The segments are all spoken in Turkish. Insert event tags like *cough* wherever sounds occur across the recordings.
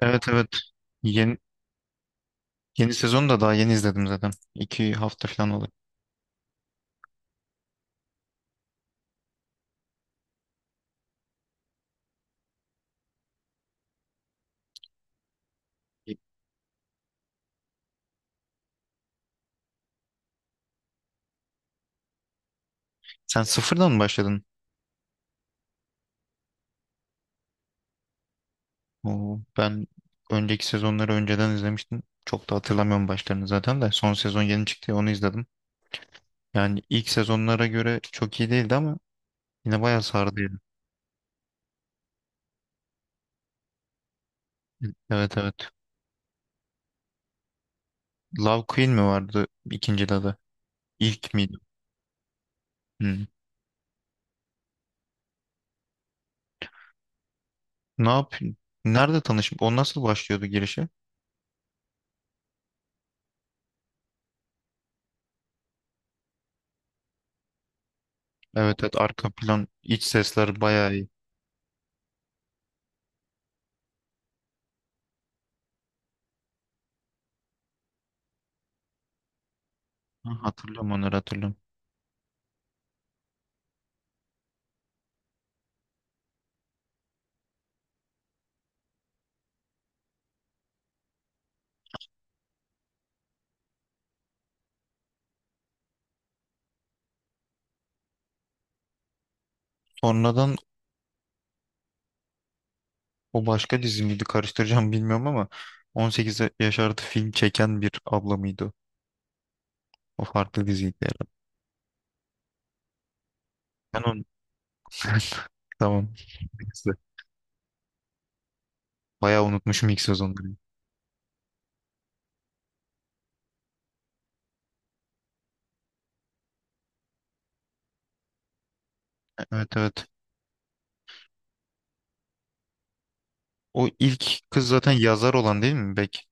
Evet evet. Yeni, yeni sezonu da daha yeni izledim zaten. 2 hafta falan oldu. Sen sıfırdan mı başladın? Oo, ben önceki sezonları önceden izlemiştim. Çok da hatırlamıyorum başlarını zaten de. Son sezon yeni çıktı ya, onu izledim. Yani ilk sezonlara göre çok iyi değildi ama yine bayağı sardıydı. Evet evet. Love Queen mi vardı ikinci adı? İlk miydi? Hmm. Ne yap? Nerede tanışıp o nasıl başlıyordu girişi? Evet evet, arka plan iç sesler bayağı iyi. Ha, hatırlıyorum, onları hatırlıyorum. Sonradan, o başka dizi miydi karıştıracağım bilmiyorum ama 18 yaş artı film çeken bir abla mıydı? O? O farklı diziydi herhalde. Ben onu, tamam. İkisi. Bayağı unutmuşum ilk sezonları. Evet evet. O ilk kız zaten yazar olan, değil mi, Bek?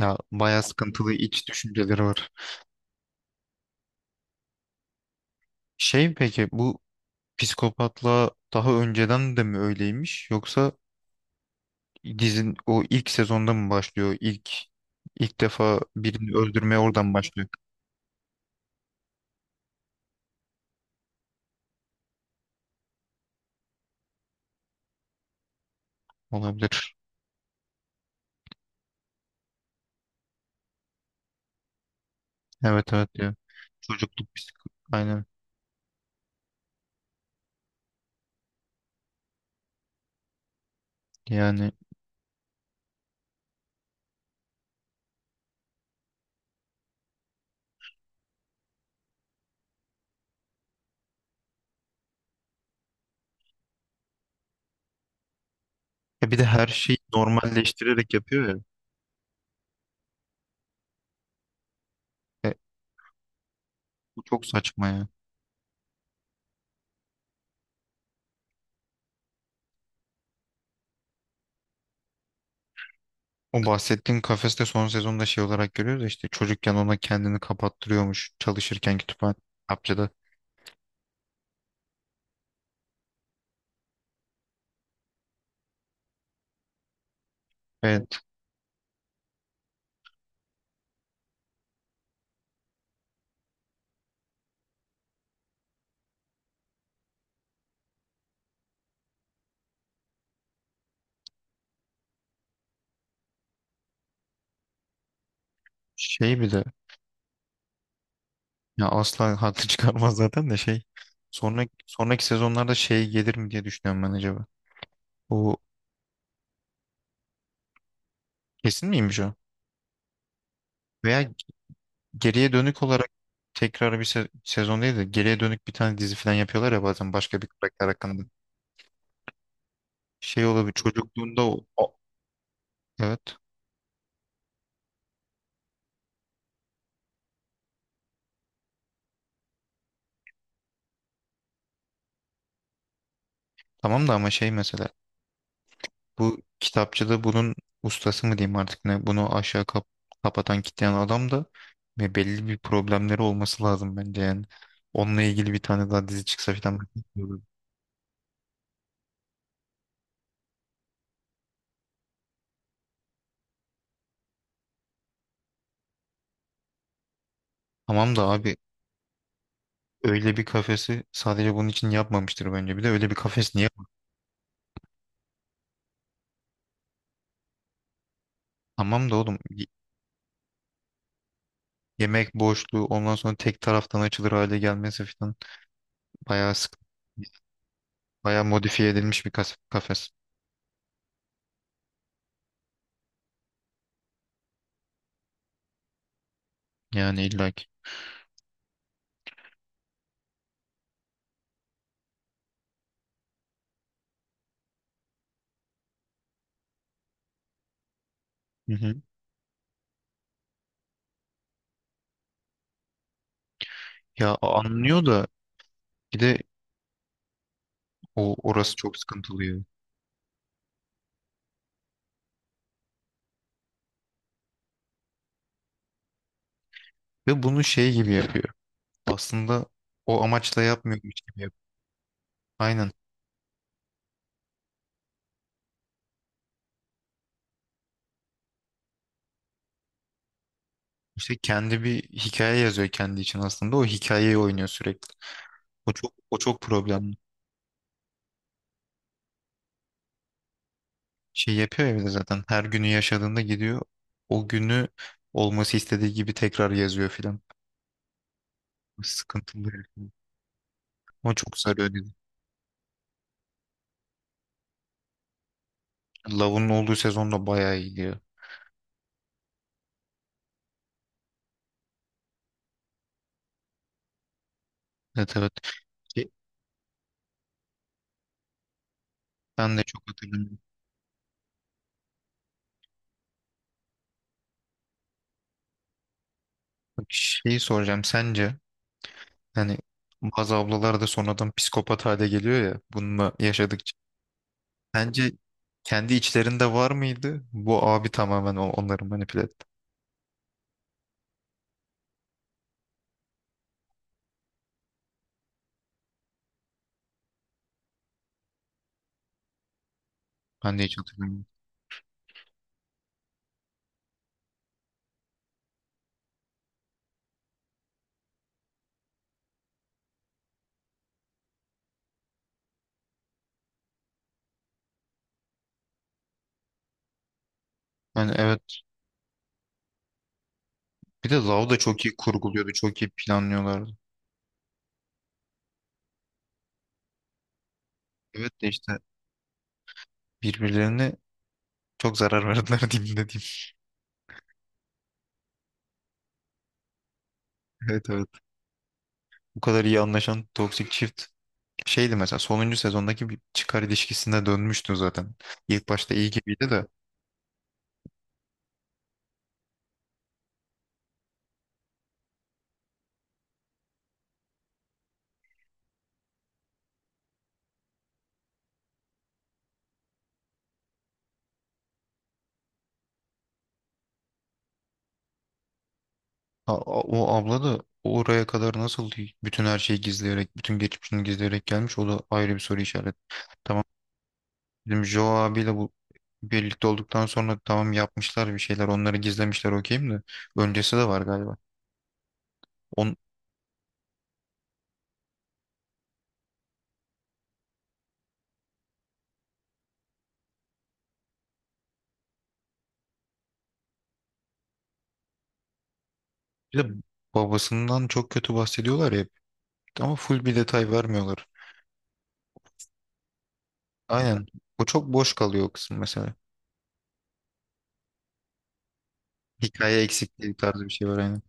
Ya, bayağı sıkıntılı iç düşünceleri var. Şey, peki bu psikopatla daha önceden de mi öyleymiş yoksa dizin o ilk sezonda mı başlıyor? ilk defa birini öldürmeye oradan başlıyor. Olabilir. Evet evet, çocukluk psik aynen. Yani, bir de her şeyi normalleştirerek yapıyor ya. E, Bu çok saçma ya. O bahsettiğin kafeste son sezonda şey olarak görüyoruz ya, işte çocukken ona kendini kapattırıyormuş çalışırken kitapçıda. Evet, şey, bir de ya, asla haklı *laughs* çıkarmaz zaten, de şey, sonraki sezonlarda şey gelir mi diye düşünüyorum ben acaba. Bu kesin miymiş o? Veya geriye dönük olarak tekrar bir sezon değil de, geriye dönük bir tane dizi falan yapıyorlar ya bazen, başka bir karakter hakkında. Şey olabilir çocukluğunda, evet, tamam da ama şey, mesela bu kitapçıda bunun ustası mı diyeyim artık, ne bunu aşağı kapatan, kitleyen adam da, ve belli bir problemleri olması lazım bence yani. Onunla ilgili bir tane daha dizi çıksa falan, ben çok iyi olur. Tamam da abi, öyle bir kafesi sadece bunun için yapmamıştır bence. Bir de öyle bir kafes niye? Tamam da oğlum, yemek boşluğu, ondan sonra tek taraftan açılır hale gelmesi falan, bayağı sık, bayağı modifiye edilmiş bir kafes, yani illaki. Hı hı. Ya, anlıyor da, bir de orası, evet, çok sıkıntılı ya. Ve bunu şey gibi yapıyor. Aslında o amaçla yapmıyormuş gibi yapıyor. Aynen. İşte kendi bir hikaye yazıyor kendi için aslında. O hikayeyi oynuyor sürekli. O çok problemli. Şey yapıyor ya bir de zaten, her günü yaşadığında gidiyor. O günü olması istediği gibi tekrar yazıyor filan. Sıkıntılı herif. Ama çok sarıyor dedi. Love'un olduğu sezon da bayağı iyi diyor. Evet evet. Şey, ben de çok hatırlamıyorum. Bak, şeyi soracağım. Sence, yani bazı ablalar da sonradan psikopat hale geliyor ya bununla yaşadıkça. Bence kendi içlerinde var mıydı? Bu abi tamamen onları manipüle etti. Ben de hiç hatırlamıyorum. Yani evet, bir de Lau da çok iyi kurguluyordu. Çok iyi planlıyorlardı. Evet de işte, birbirlerine çok zarar verdiler *laughs* diyeyim, ne diyeyim. Evet evet. Bu kadar iyi anlaşan toksik çift, şeydi mesela, sonuncu sezondaki bir çıkar ilişkisine dönmüştü zaten. İlk başta iyi gibiydi de, o abla da oraya kadar nasıl bütün her şeyi gizleyerek, bütün geçmişini gizleyerek gelmiş, o da ayrı bir soru işareti. Tamam, bizim Joe abiyle bu birlikte olduktan sonra, tamam, yapmışlar bir şeyler, onları gizlemişler, okeyim de, öncesi de var galiba. On, Bir de babasından çok kötü bahsediyorlar ya, ama full bir detay vermiyorlar. Aynen, o çok boş kalıyor, o kısım mesela. Hikaye eksikliği tarzı bir şey var aynen.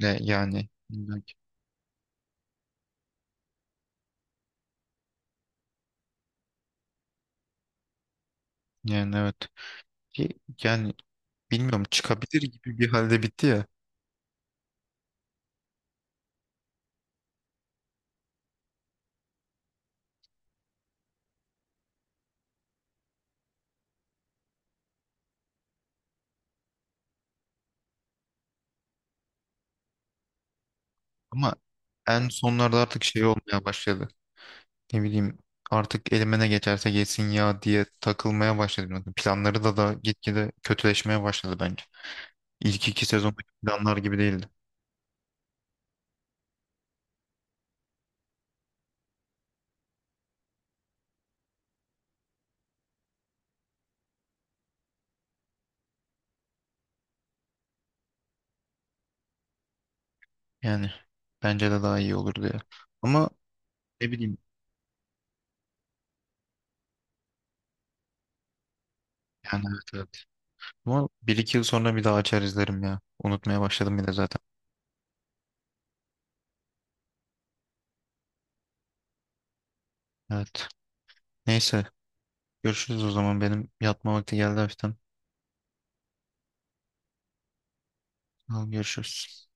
Ne, yani, illaki. Yani evet. Yani bilmiyorum, çıkabilir gibi bir halde bitti ya. Ama en sonlarda artık şey olmaya başladı. Ne bileyim, artık elime ne geçerse geçsin ya diye takılmaya başladım. Planları da gitgide kötüleşmeye başladı bence. İlk iki sezondaki planlar gibi değildi. Yani bence de daha iyi olurdu ya. Ama ne bileyim, yani, evet evet. Ama bir iki yıl sonra bir daha açar izlerim ya. Unutmaya başladım bile zaten. Evet. Neyse, görüşürüz o zaman. Benim yatma vakti geldi hafiften. Tamam, görüşürüz.